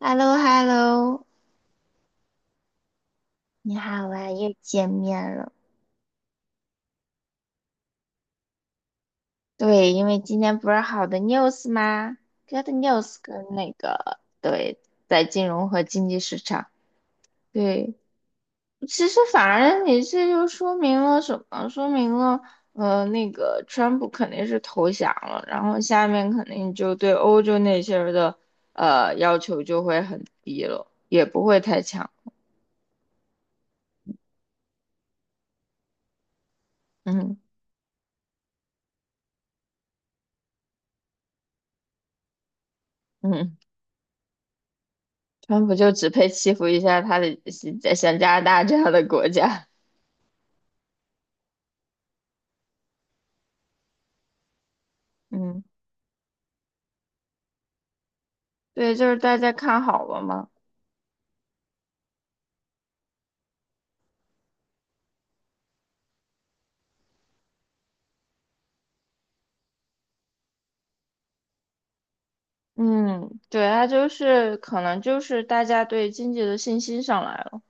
h e l l o h e l l o 你好啊，又见面了。对，因为今天不是好的 news 吗？Good news 跟那个在金融和经济市场。对，其实反而你这就说明了什么？说明了，那个川普肯定是投降了，然后下面肯定就对欧洲那些人的要求就会很低了，也不会太强。嗯嗯，川普就只配欺负一下他的像加拿大这样的国家。嗯对，就是大家看好了嘛。嗯，对，它就是可能就是大家对经济的信心上来了，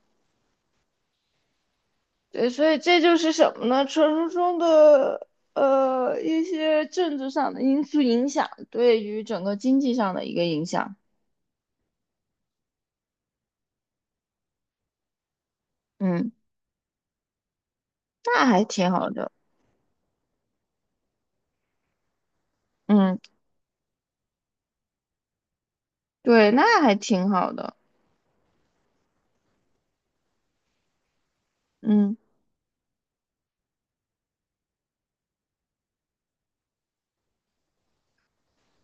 对，所以这就是什么呢？传说中的一些政治上的因素影响对于整个经济上的一个影响，嗯，那还挺好的，嗯对，那还挺好的，嗯。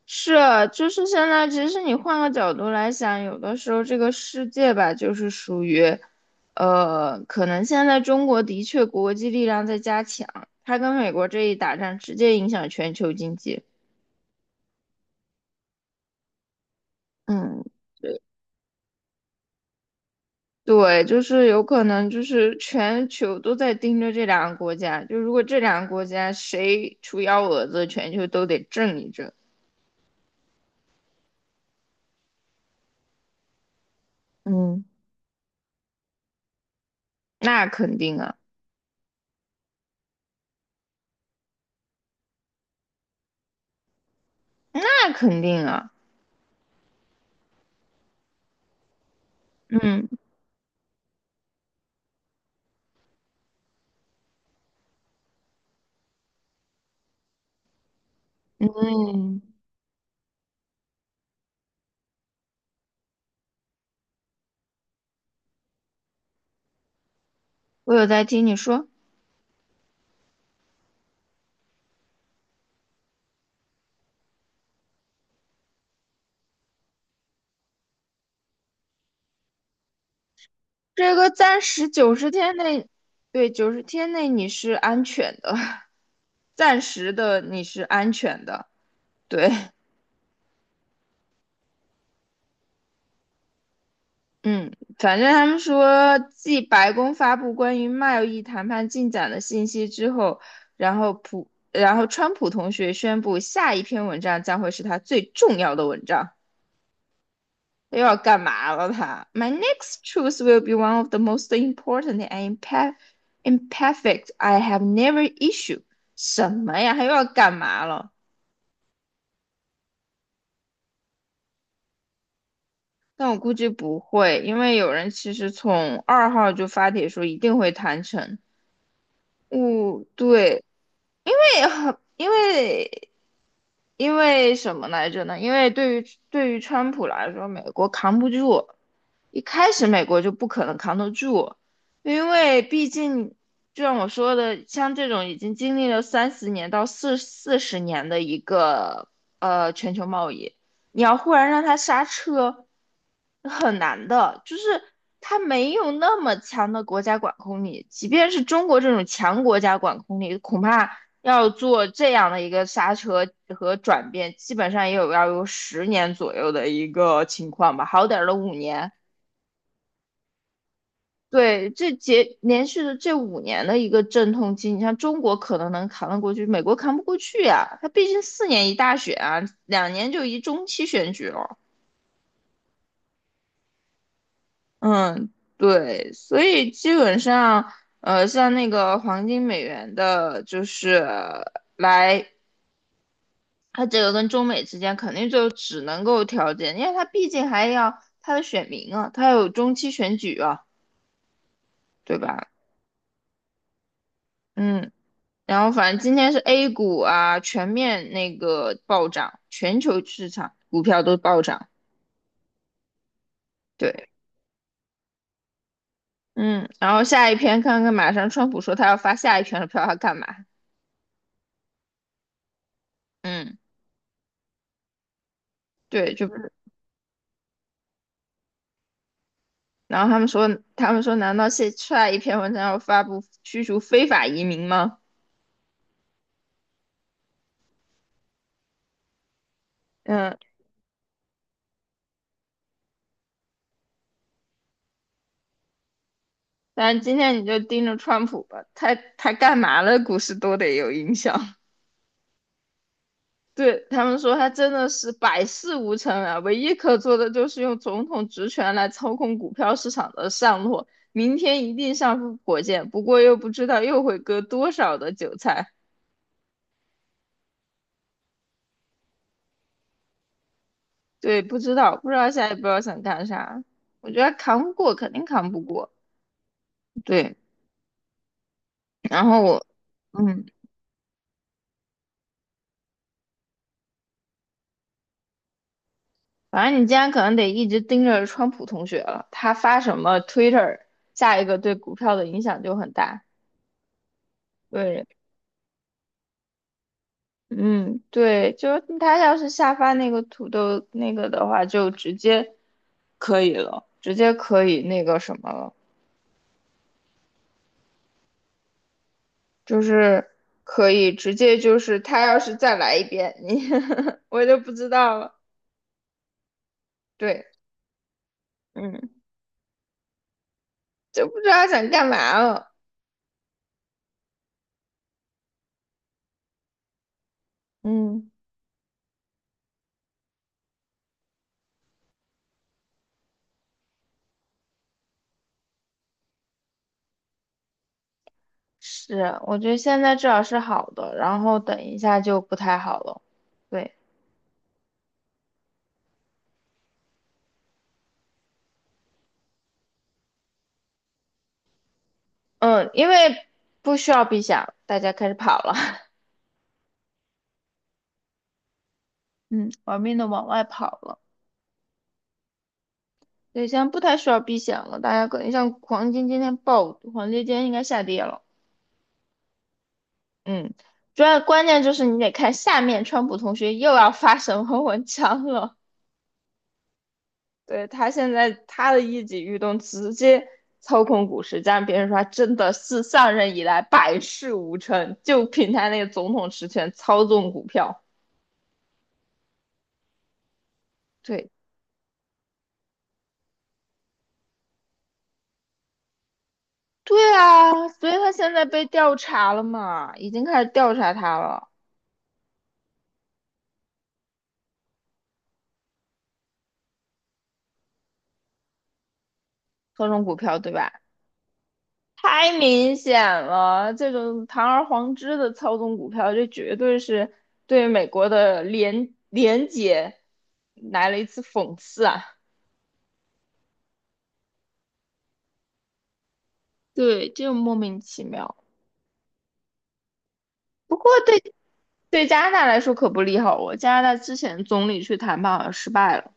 是，就是现在，其实你换个角度来想，有的时候这个世界吧，就是属于，可能现在中国的确国际力量在加强，它跟美国这一打仗，直接影响全球经济。嗯，对，就是有可能就是全球都在盯着这两个国家，就如果这两个国家谁出幺蛾子，全球都得震一震。嗯，那肯定啊，那肯定啊。嗯嗯，我有在听你说。这个暂时九十天内，对，九十天内你是安全的，暂时的你是安全的。对，嗯，反正他们说，继白宫发布关于贸易谈判进展的信息之后，然后川普同学宣布，下一篇文章将会是他最重要的文章。又要干嘛了他？他，My next truth will be one of the most important and imperfect I have never issued。什么呀？他又要干嘛了？但我估计不会，因为有人其实从2号就发帖说一定会谈成。哦，对，对因为因为什么来着呢？因为对于川普来说，美国扛不住，一开始美国就不可能扛得住，因为毕竟就像我说的，像这种已经经历了30年到四十年的一个全球贸易，你要忽然让它刹车，很难的，就是它没有那么强的国家管控力，即便是中国这种强国家管控力，恐怕要做这样的一个刹车和转变，基本上也有要有十年左右的一个情况吧，好点儿的五年。对，这节连续的这五年的一个阵痛期，你像中国可能能扛得过去，美国扛不过去呀、它毕竟4年一大选啊，2年就一中期选举了。嗯，对，所以基本上，像那个黄金美元的，就是来他这个跟中美之间肯定就只能够调解，因为他毕竟还要他的选民啊，他有中期选举啊，对吧？嗯，然后反正今天是 A 股啊，全面那个暴涨，全球市场股票都暴涨。对，嗯，然后下一篇看看，马上川普说他要发下一篇的票，他干嘛？嗯，对，就不是。然后他们说，难道下下一篇文章要发布驱逐非法移民吗？嗯。但是今天你就盯着川普吧，他干嘛了，股市都得有影响。对他们说，他真的是百事无成啊，唯一可做的就是用总统职权来操控股票市场的上落。明天一定上升火箭，不过又不知道又会割多少的韭菜。对，不知道，不知道下一步要想干啥。我觉得扛不过，肯定扛不过。对，然后我，嗯。反正你今天可能得一直盯着川普同学了，他发什么 Twitter，下一个对股票的影响就很大。对，嗯，对，就是他要是下发那个土豆那个的话，就直接可以了，直接可以那个什么了，就是可以直接就是他要是再来一遍，你 我就不知道了。对，嗯，就不知道想干嘛了。嗯。是，我觉得现在至少是好的，然后等一下就不太好了。对，嗯，因为不需要避险，大家开始跑了。嗯，玩命的往外跑了。对，现在不太需要避险了，大家可能像黄金今天爆，黄金今天应该下跌了。嗯，主要关键就是你得看下面川普同学又要发什么文章了。对，他现在他的一举一动直接操控股市，加上别人说他真的是上任以来百事无成，就凭他那个总统实权操纵股票。对，对啊，所以他现在被调查了嘛，已经开始调查他了，操纵股票，对吧？太明显了，这种堂而皇之的操纵股票，这绝对是对美国的廉洁来了一次讽刺啊！对，就莫名其妙。不过对对加拿大来说可不利好哦，加拿大之前总理去谈判好像失败了。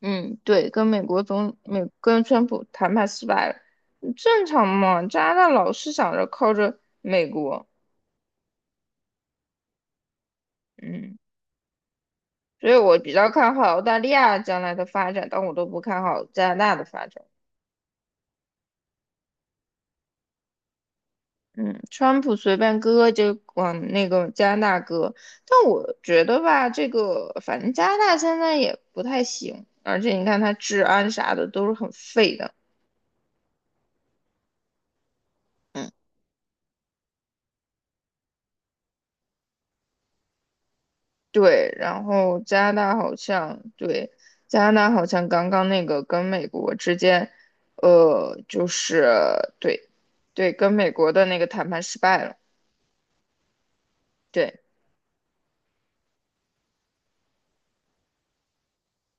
嗯，对，跟美国总美跟川普谈判失败了，正常嘛。加拿大老是想着靠着美国，嗯，所以我比较看好澳大利亚将来的发展，但我都不看好加拿大的发展。嗯，川普随便割就往那个加拿大割，但我觉得吧，这个反正加拿大现在也不太行，而且你看它治安啥的都是很废的。嗯，对，然后加拿大好像刚刚那个跟美国之间，就是对，对，跟美国的那个谈判失败了。对，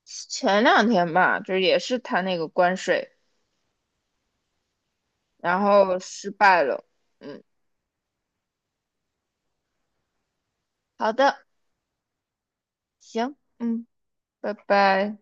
前两天吧，就是也是谈那个关税，然后失败了。嗯，好的，行，嗯，拜拜。